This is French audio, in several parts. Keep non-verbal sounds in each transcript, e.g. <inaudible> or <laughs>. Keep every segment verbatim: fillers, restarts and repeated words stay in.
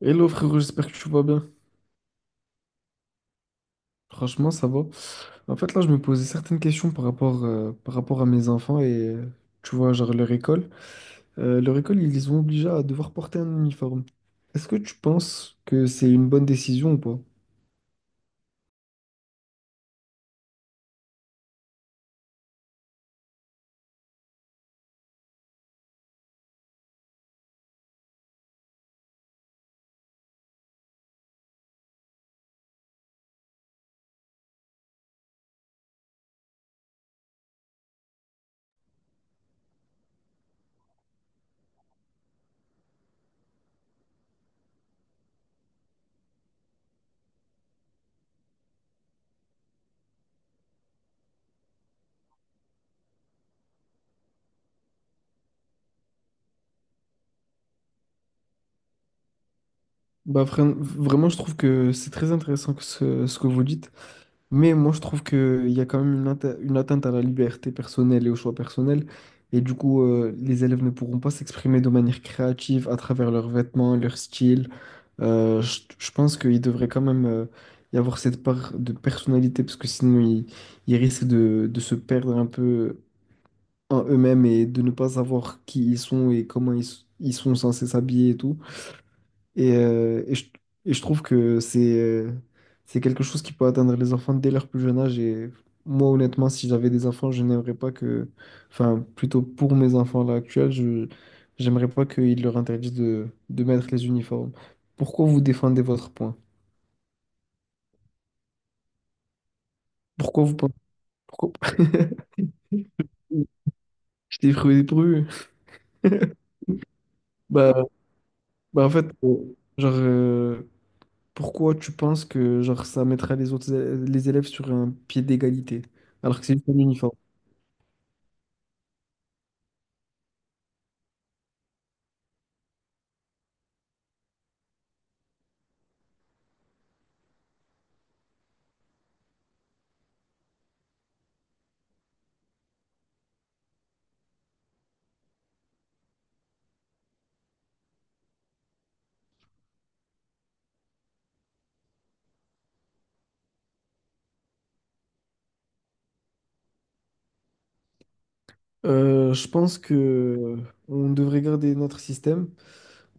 Hello frérot, j'espère que tu vas bien. Franchement, ça va. En fait, là, je me posais certaines questions par rapport, euh, par rapport à mes enfants et, euh, tu vois, genre leur école. Euh, leur école, ils les ont obligés à devoir porter un uniforme. Est-ce que tu penses que c'est une bonne décision ou pas? Bah, vra- vraiment, je trouve que c'est très intéressant que ce, ce que vous dites. Mais moi, je trouve qu'il y a quand même une, atte- une atteinte à la liberté personnelle et au choix personnel. Et du coup, euh, les élèves ne pourront pas s'exprimer de manière créative à travers leurs vêtements, leur style. Euh, je, je pense qu'il devrait quand même euh, y avoir cette part de personnalité parce que sinon ils, ils risquent de, de se perdre un peu en eux-mêmes et de ne pas savoir qui ils sont et comment ils, s- ils sont censés s'habiller et tout. Et, euh, et, je, et je trouve que c'est euh, c'est quelque chose qui peut atteindre les enfants dès leur plus jeune âge. Et moi, honnêtement, si j'avais des enfants, je n'aimerais pas que, enfin, plutôt pour mes enfants là actuels, je j'aimerais pas qu'ils leur interdisent de, de mettre les uniformes. Pourquoi vous défendez votre point? Pourquoi vous pensez? Pourquoi? <laughs> Je t'ai pris pru. Bah, bah en fait, euh, genre, euh, pourquoi tu penses que genre ça mettra les autres élè- les élèves sur un pied d'égalité, alors que c'est juste un uniforme? Euh, je pense que euh, on devrait garder notre système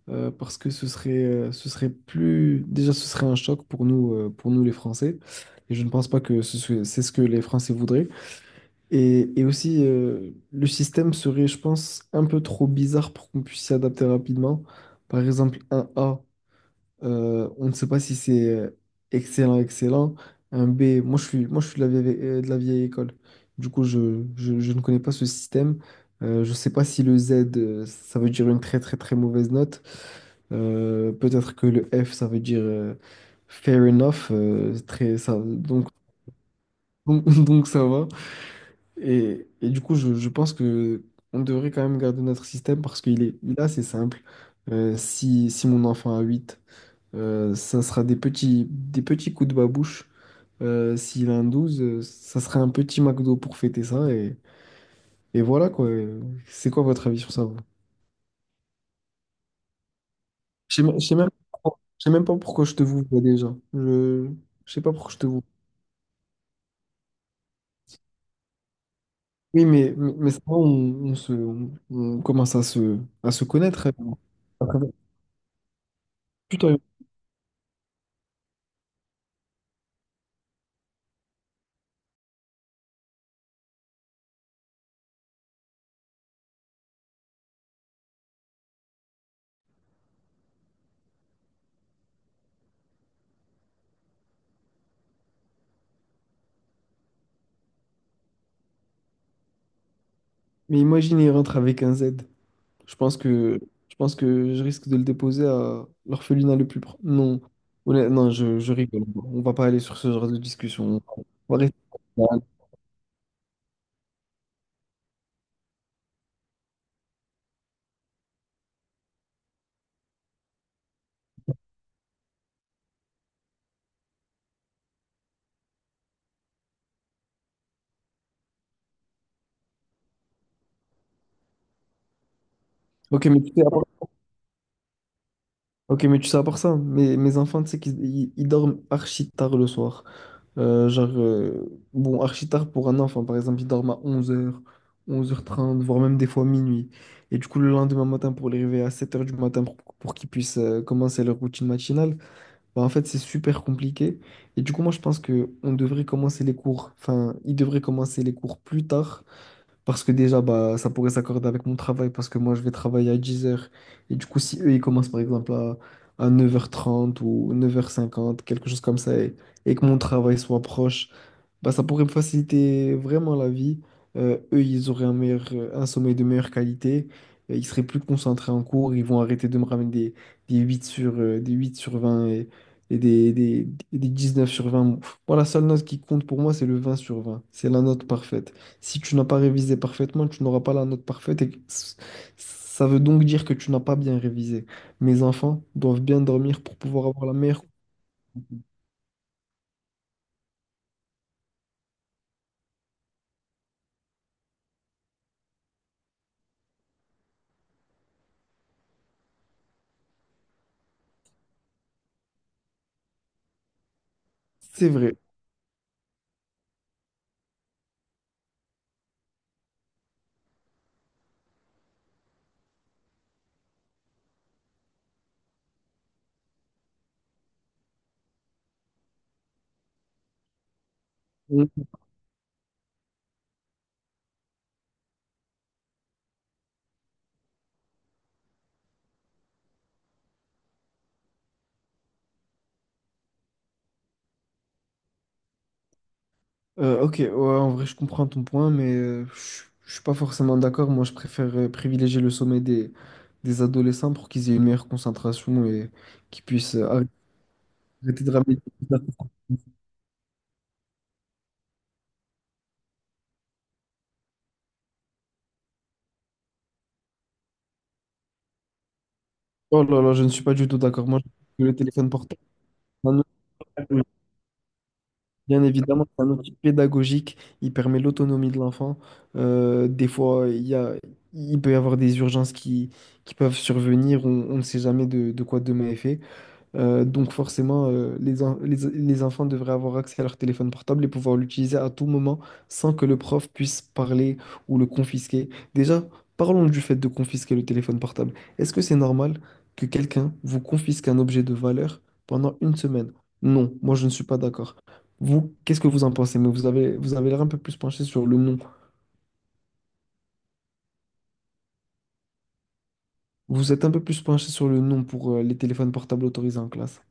euh, parce que ce serait, euh, ce serait plus, déjà ce serait un choc pour nous, euh, pour nous les Français. Et je ne pense pas que ce soit- c'est ce que les Français voudraient. Et, et aussi, euh, le système serait, je pense, un peu trop bizarre pour qu'on puisse s'y adapter rapidement. Par exemple, un A, euh, on ne sait pas si c'est euh, excellent, excellent. Un B, moi je suis, moi, je suis de la vieille, euh, de la vieille école. Du coup, je, je- je ne connais pas ce système. Euh, je ne sais pas si le Z, euh, ça veut dire une très, très, très mauvaise note. Euh, peut-être que le F, ça veut dire euh, fair enough. euh, très, ça, donc, <laughs> donc, donc ça va. Et, et du coup, je, je pense que on devrait quand même garder notre système parce qu'il est, il est assez simple. Euh, si, si mon enfant a huit euh, ça sera des petits, des petits coups de babouche. Euh, s'il a un douze euh, ça sera un petit McDo pour fêter ça. Et, et voilà quoi. Euh, C'est quoi votre avis sur ça? Vous Je sais même, je sais même, pas pourquoi- je sais même pas pourquoi je te vous vois déjà. Je, je sais pas pourquoi je te vous. Oui, mais, mais, mais ça, on, on se, on, on commence à se, à se connaître. Plutôt Mais imagine, il rentre avec un Z. Je pense que je pense que je risque de le déposer à l'orphelinat le plus proche. Non, Honnêt- non, je, je rigole. On va pas aller sur ce genre de discussion. On va rester. Ok, mais tu sais, à part, ok, mais tu sais, à part ça, mes, mes enfants, tu sais qu'ils ils, ils dorment archi tard le soir. Euh, genre, euh, bon, archi tard pour un enfant, par exemple, ils dorment à onze heures, 11 onze heures trente, voire même des fois minuit. Et du coup, le lendemain matin, pour les réveiller à sept heures du matin pour, pour qu'ils puissent euh, commencer leur routine matinale, bah, en fait, c'est super compliqué. Et du coup, moi, je pense que on devrait commencer les cours, enfin, ils devraient commencer les cours plus tard, parce que déjà, bah, ça pourrait s'accorder avec mon travail, parce que moi, je vais travailler à dix heures. Et du coup, si eux, ils commencent, par exemple, à, à neuf heures trente ou neuf heures cinquante, quelque chose comme ça, et, et que mon travail soit proche, bah, ça pourrait me faciliter vraiment la vie. Euh, eux, ils auraient un meilleur, euh, un sommeil de meilleure qualité. Euh, ils seraient plus concentrés en cours. Ils vont arrêter de me ramener des, des huit sur, euh, des huit sur vingt et, et des, des, des neuf sur vingt. Moi, la seule note qui compte pour moi, c'est le vingt sur vingt. C'est la note parfaite. Si tu n'as pas révisé parfaitement, tu n'auras pas la note parfaite. Et c- ça veut donc dire que tu n'as pas bien révisé. Mes enfants doivent bien dormir pour pouvoir avoir la meilleure. C'est vrai. Euh, ok, ouais, en vrai, je comprends ton point, mais euh, je je suis pas forcément d'accord. Moi, je préfère euh, privilégier le sommet des, des adolescents pour qu'ils aient une meilleure concentration et qu'ils puissent euh, arrêter arrêter de ramener. Oh là là, je ne suis pas du tout d'accord. Moi, je trouve que le téléphone portable, c'est un outil- bien évidemment, c'est un outil pédagogique. Il permet l'autonomie de l'enfant. Euh, des fois, il y a, il peut y avoir des urgences qui, qui peuvent survenir. On, on ne sait jamais de, de quoi demain est fait. Euh, donc forcément, euh, les, en- les- les enfants devraient avoir accès à leur téléphone portable et pouvoir l'utiliser à tout moment sans que le prof puisse parler ou le confisquer. Déjà, parlons du fait de confisquer le téléphone portable. Est-ce que c'est normal que quelqu'un vous confisque un objet de valeur pendant une semaine? Non, moi je ne suis pas d'accord. Vous, qu'est-ce que vous en pensez? Mais vous avez, vous avez l'air un peu plus penché sur le non. Vous êtes un peu plus penché sur le non pour euh, les téléphones portables autorisés en classe.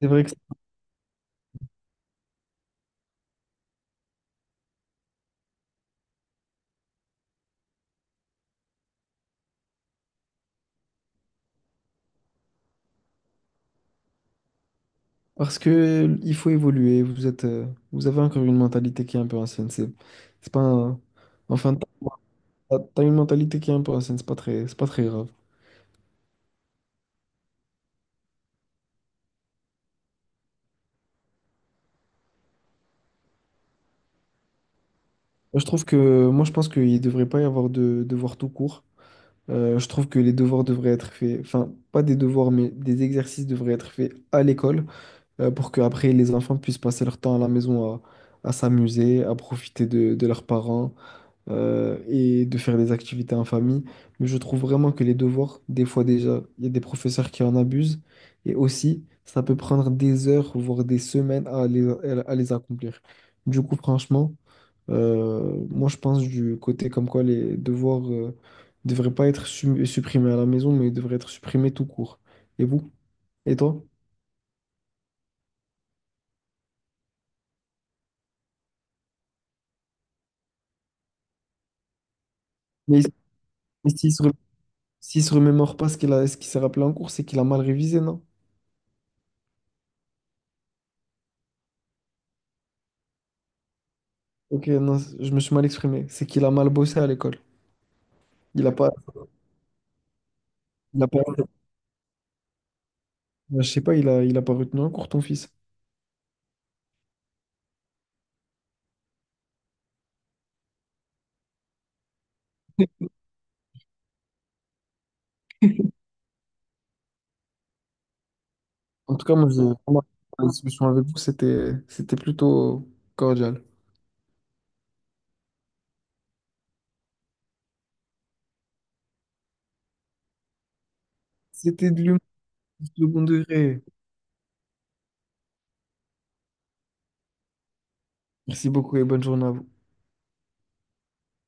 C'est vrai que parce que il faut évoluer, vous êtes, euh, vous avez encore une mentalité qui est un peu ancienne. C'est, c'est pas un- enfin, t'as t'as une mentalité qui est un peu ancienne, c'est pas très, c'est pas très grave. Moi, Je trouve que, moi, je pense qu'il devrait pas y avoir de devoirs tout court. Euh, je trouve que les devoirs devraient être faits, enfin, pas des devoirs, mais des exercices devraient être faits à l'école euh, pour que après les enfants puissent passer leur temps à la maison à, à s'amuser, à profiter de, de leurs parents euh, et de faire des activités en famille. Mais je trouve vraiment que les devoirs, des fois déjà, il y a des professeurs qui en abusent. Et aussi, ça peut prendre des heures, voire des semaines à les, à les accomplir. Du coup, franchement, euh, moi, je pense du côté comme quoi les devoirs ne devraient pas être sum- supprimés à la maison, mais devraient être supprimés tout court. Et vous? Et toi? Mais s'il se, re- s'il se remémore pas ce qu'il a, ce qu'il s'est rappelé en cours, c'est qu'il a mal révisé, non? Ok, non, c- je me suis mal exprimé. C'est qu'il a mal bossé à l'école. Il a pas, il a pas, je sais pas, il a, il a pas retenu un cours, ton fils. En tout cas, moi, j'ai remarqué la discussion avec vous, c'était, c'était plutôt cordial. C'était de l'humour du second degré. Merci beaucoup et bonne journée à vous.